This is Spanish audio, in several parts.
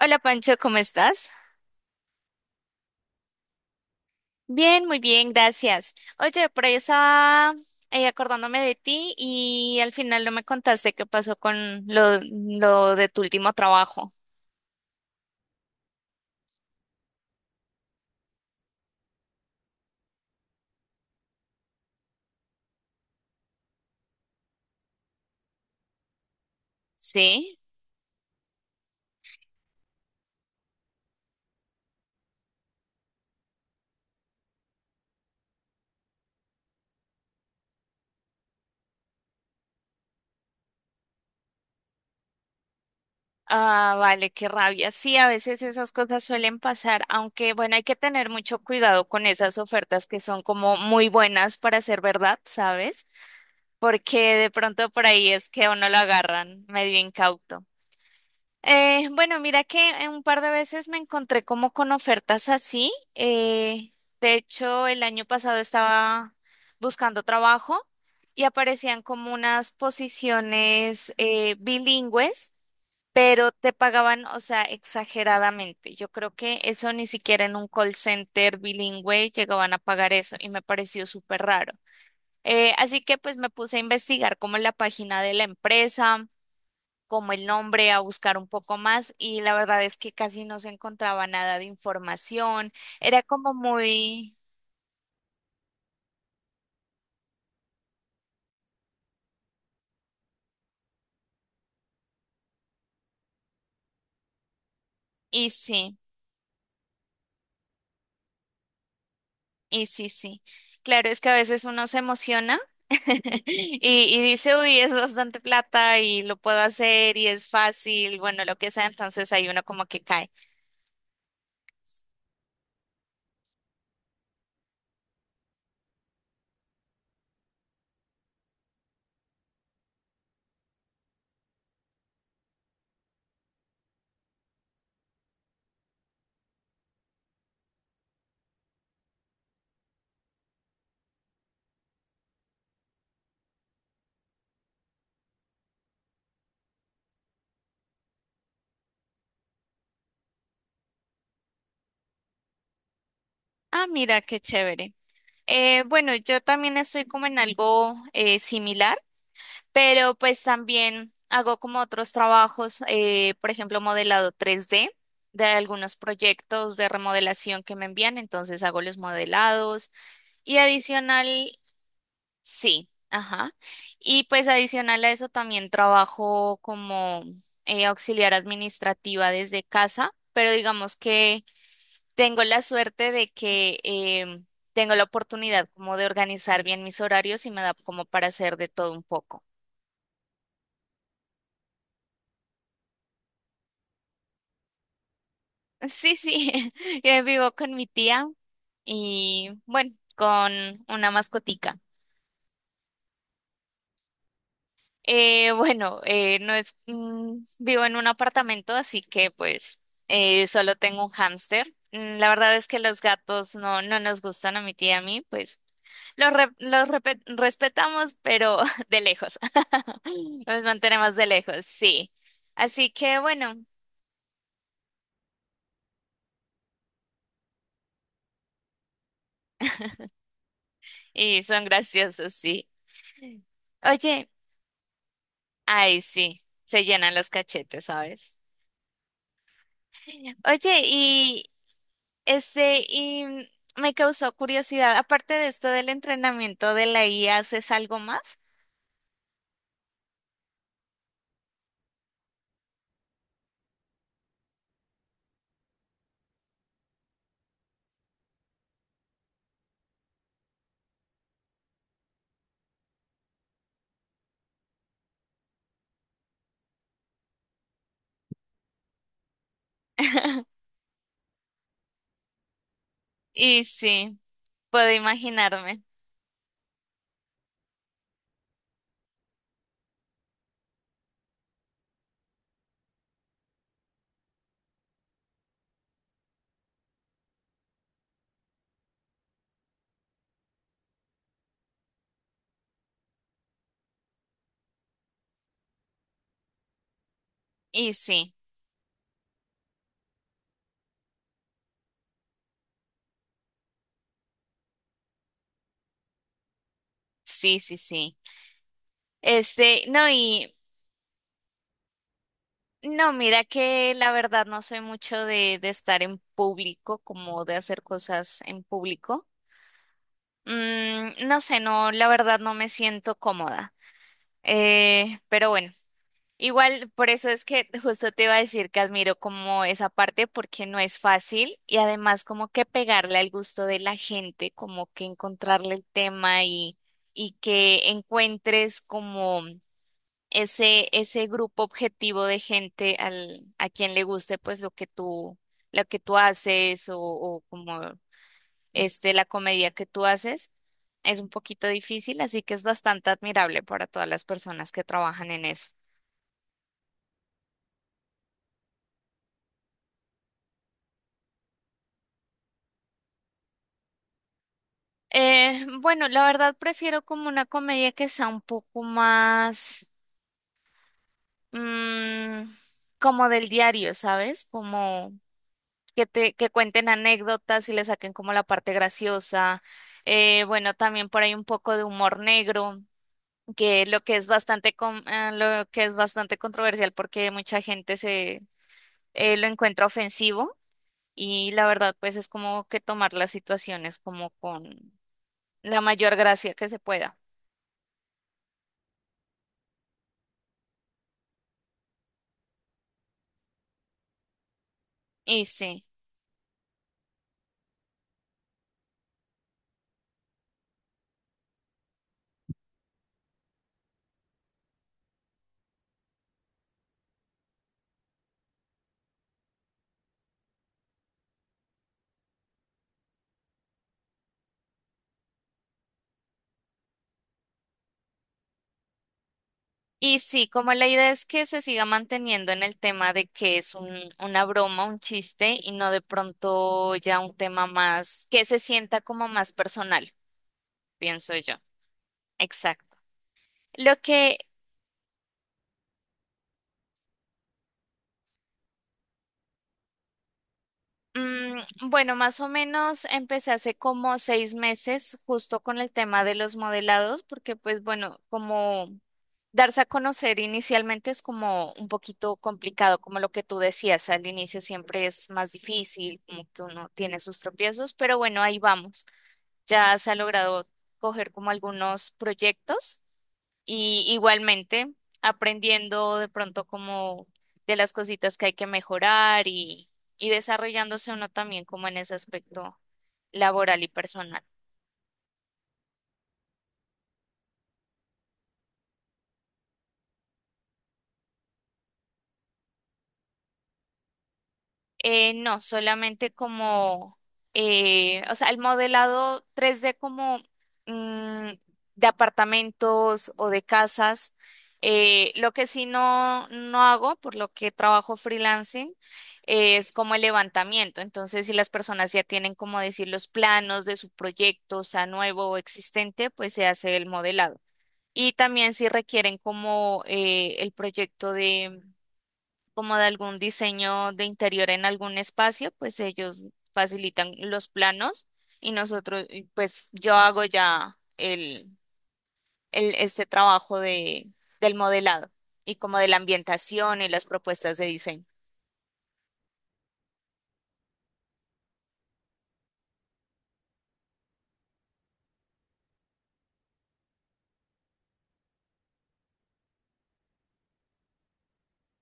Hola Pancho, ¿cómo estás? Bien, muy bien, gracias. Oye, por ahí estaba acordándome de ti y al final no me contaste qué pasó con lo de tu último trabajo. Sí. Ah, vale, qué rabia. Sí, a veces esas cosas suelen pasar, aunque bueno, hay que tener mucho cuidado con esas ofertas que son como muy buenas para ser verdad, ¿sabes? Porque de pronto por ahí es que a uno lo agarran medio incauto. Bueno, mira que un par de veces me encontré como con ofertas así. De hecho, el año pasado estaba buscando trabajo y aparecían como unas posiciones bilingües, pero te pagaban, o sea, exageradamente. Yo creo que eso ni siquiera en un call center bilingüe llegaban a pagar eso y me pareció súper raro. Así que pues me puse a investigar como en la página de la empresa, como el nombre, a buscar un poco más y la verdad es que casi no se encontraba nada de información. Era como muy... Y sí, y sí, sí. Claro, es que a veces uno se emociona y, y dice, uy, es bastante plata y lo puedo hacer y es fácil, bueno, lo que sea, entonces ahí uno como que cae. Ah, mira, qué chévere. Bueno, yo también estoy como en algo similar. Pero pues también hago como otros trabajos, por ejemplo, modelado 3D de algunos proyectos de remodelación que me envían, entonces hago los modelados y adicional, sí, ajá. Y pues adicional a eso también trabajo como auxiliar administrativa desde casa, pero digamos que tengo la suerte de que tengo la oportunidad como de organizar bien mis horarios y me da como para hacer de todo un poco. Sí, sí, vivo con mi tía y bueno, con una mascotica. Bueno, no es, vivo en un apartamento, así que pues solo tengo un hámster. La verdad es que los gatos no, no nos gustan a mi tía y a mí, pues los, los respetamos, pero de lejos. Los mantenemos de lejos, sí. Así que bueno, y son graciosos, sí. Oye. Ay, sí, se llenan los cachetes, ¿sabes? Oye, y y me causó curiosidad, aparte de esto del entrenamiento de la IA, ¿haces algo más? Y sí, puedo imaginarme. Y sí, sí, sí, sí. No, y no, mira que la verdad no soy mucho de estar en público, como de hacer cosas en público. No sé, no, la verdad no me siento cómoda. Pero bueno, igual por eso es que justo te iba a decir que admiro como esa parte porque no es fácil y además como que pegarle al gusto de la gente, como que encontrarle el tema y que encuentres como ese grupo objetivo de gente al, a quien le guste pues lo que tú haces o como la comedia que tú haces es un poquito difícil, así que es bastante admirable para todas las personas que trabajan en eso. Bueno, la verdad prefiero como una comedia que sea un poco más mm, como del diario, ¿sabes? Como que te que cuenten anécdotas y le saquen como la parte graciosa. Bueno, también por ahí un poco de humor negro, que lo que es bastante lo que es bastante controversial porque mucha gente lo encuentra ofensivo y la verdad pues es como que tomar las situaciones como con la mayor gracia que se pueda. Y sí, y sí, como la idea es que se siga manteniendo en el tema de que es un, una broma, un chiste y no de pronto ya un tema más que se sienta como más personal, pienso yo. Exacto. Lo que Mm, bueno, más o menos empecé hace como 6 meses justo con el tema de los modelados, porque pues bueno, como darse a conocer inicialmente es como un poquito complicado, como lo que tú decías, al inicio siempre es más difícil, como que uno tiene sus tropiezos, pero bueno, ahí vamos. Ya se ha logrado coger como algunos proyectos. Y igualmente aprendiendo de pronto como de las cositas que hay que mejorar y desarrollándose uno también como en ese aspecto laboral y personal. No, solamente como, o sea, el modelado 3D como mm, de apartamentos o de casas. Lo que sí no, no hago, por lo que trabajo freelancing, es como el levantamiento. Entonces, si las personas ya tienen, como decir, los planos de su proyecto, o sea, nuevo o existente, pues se hace el modelado. Y también si requieren como el proyecto como de algún diseño de interior en algún espacio, pues ellos facilitan los planos y nosotros, y pues yo hago ya el, trabajo de, del modelado y como de la ambientación y las propuestas de diseño.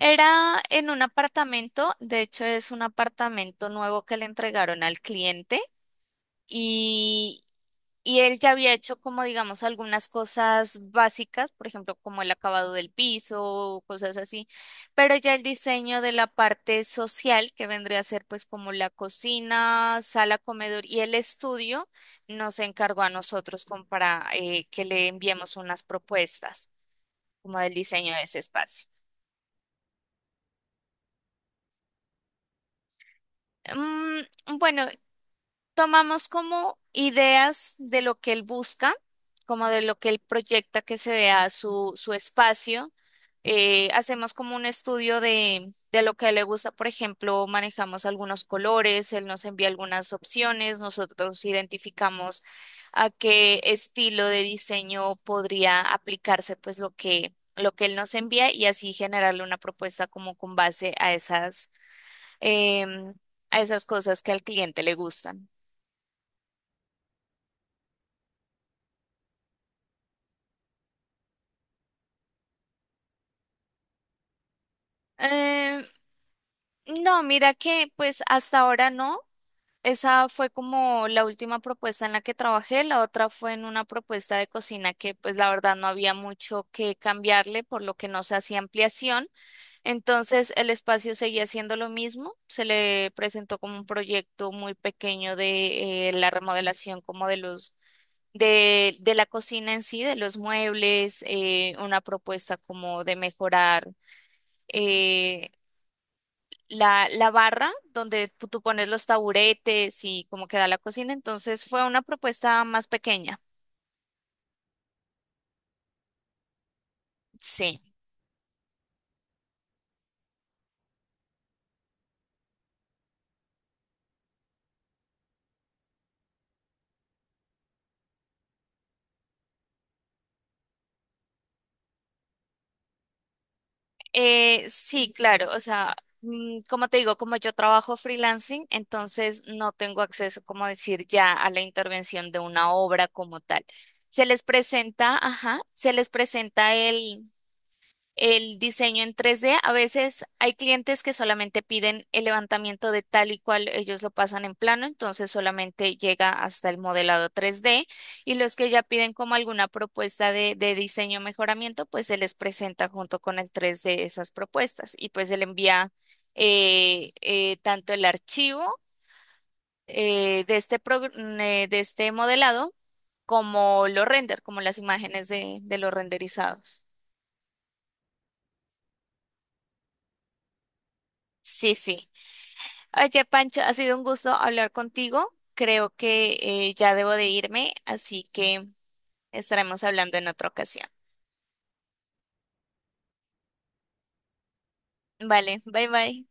Era en un apartamento, de hecho es un apartamento nuevo que le entregaron al cliente y Y él ya había hecho como, digamos, algunas cosas básicas, por ejemplo, como el acabado del piso, cosas así, pero ya el diseño de la parte social, que vendría a ser pues como la cocina, sala, comedor y el estudio, nos encargó a nosotros como para que le enviemos unas propuestas como del diseño de ese espacio. Bueno, tomamos como ideas de lo que él busca, como de lo que él proyecta que se vea su, su espacio. Hacemos como un estudio de lo que a él le gusta, por ejemplo, manejamos algunos colores, él nos envía algunas opciones, nosotros identificamos a qué estilo de diseño podría aplicarse pues lo que él nos envía y así generarle una propuesta como con base a esas, em, a esas cosas que al cliente le gustan. Eh, no, mira que pues hasta ahora no. Esa fue como la última propuesta en la que trabajé. La otra fue en una propuesta de cocina que pues la verdad no había mucho que cambiarle, por lo que no se hacía ampliación. Entonces el espacio seguía siendo lo mismo. Se le presentó como un proyecto muy pequeño de la remodelación como de los de la cocina en sí, de los muebles, una propuesta como de mejorar. eh, la, la barra donde tú pones los taburetes y cómo queda la cocina. Entonces fue una propuesta más pequeña. Sí, sí, claro. O sea, como te digo, como yo trabajo freelancing, entonces no tengo acceso, como decir, ya a la intervención de una obra como tal. Se les presenta, ajá, se les presenta el diseño en 3D. A veces hay clientes que solamente piden el levantamiento de tal y cual ellos lo pasan en plano, entonces solamente llega hasta el modelado 3D. Y los que ya piden como alguna propuesta de diseño o mejoramiento, pues se les presenta junto con el 3D esas propuestas y pues se le envía tanto el archivo de este, de este modelado como los render, como las imágenes de los renderizados. Sí, sí. Oye, Pancho, ha sido un gusto hablar contigo. Creo que ya debo de irme, así que estaremos hablando en otra ocasión. Vale, bye bye.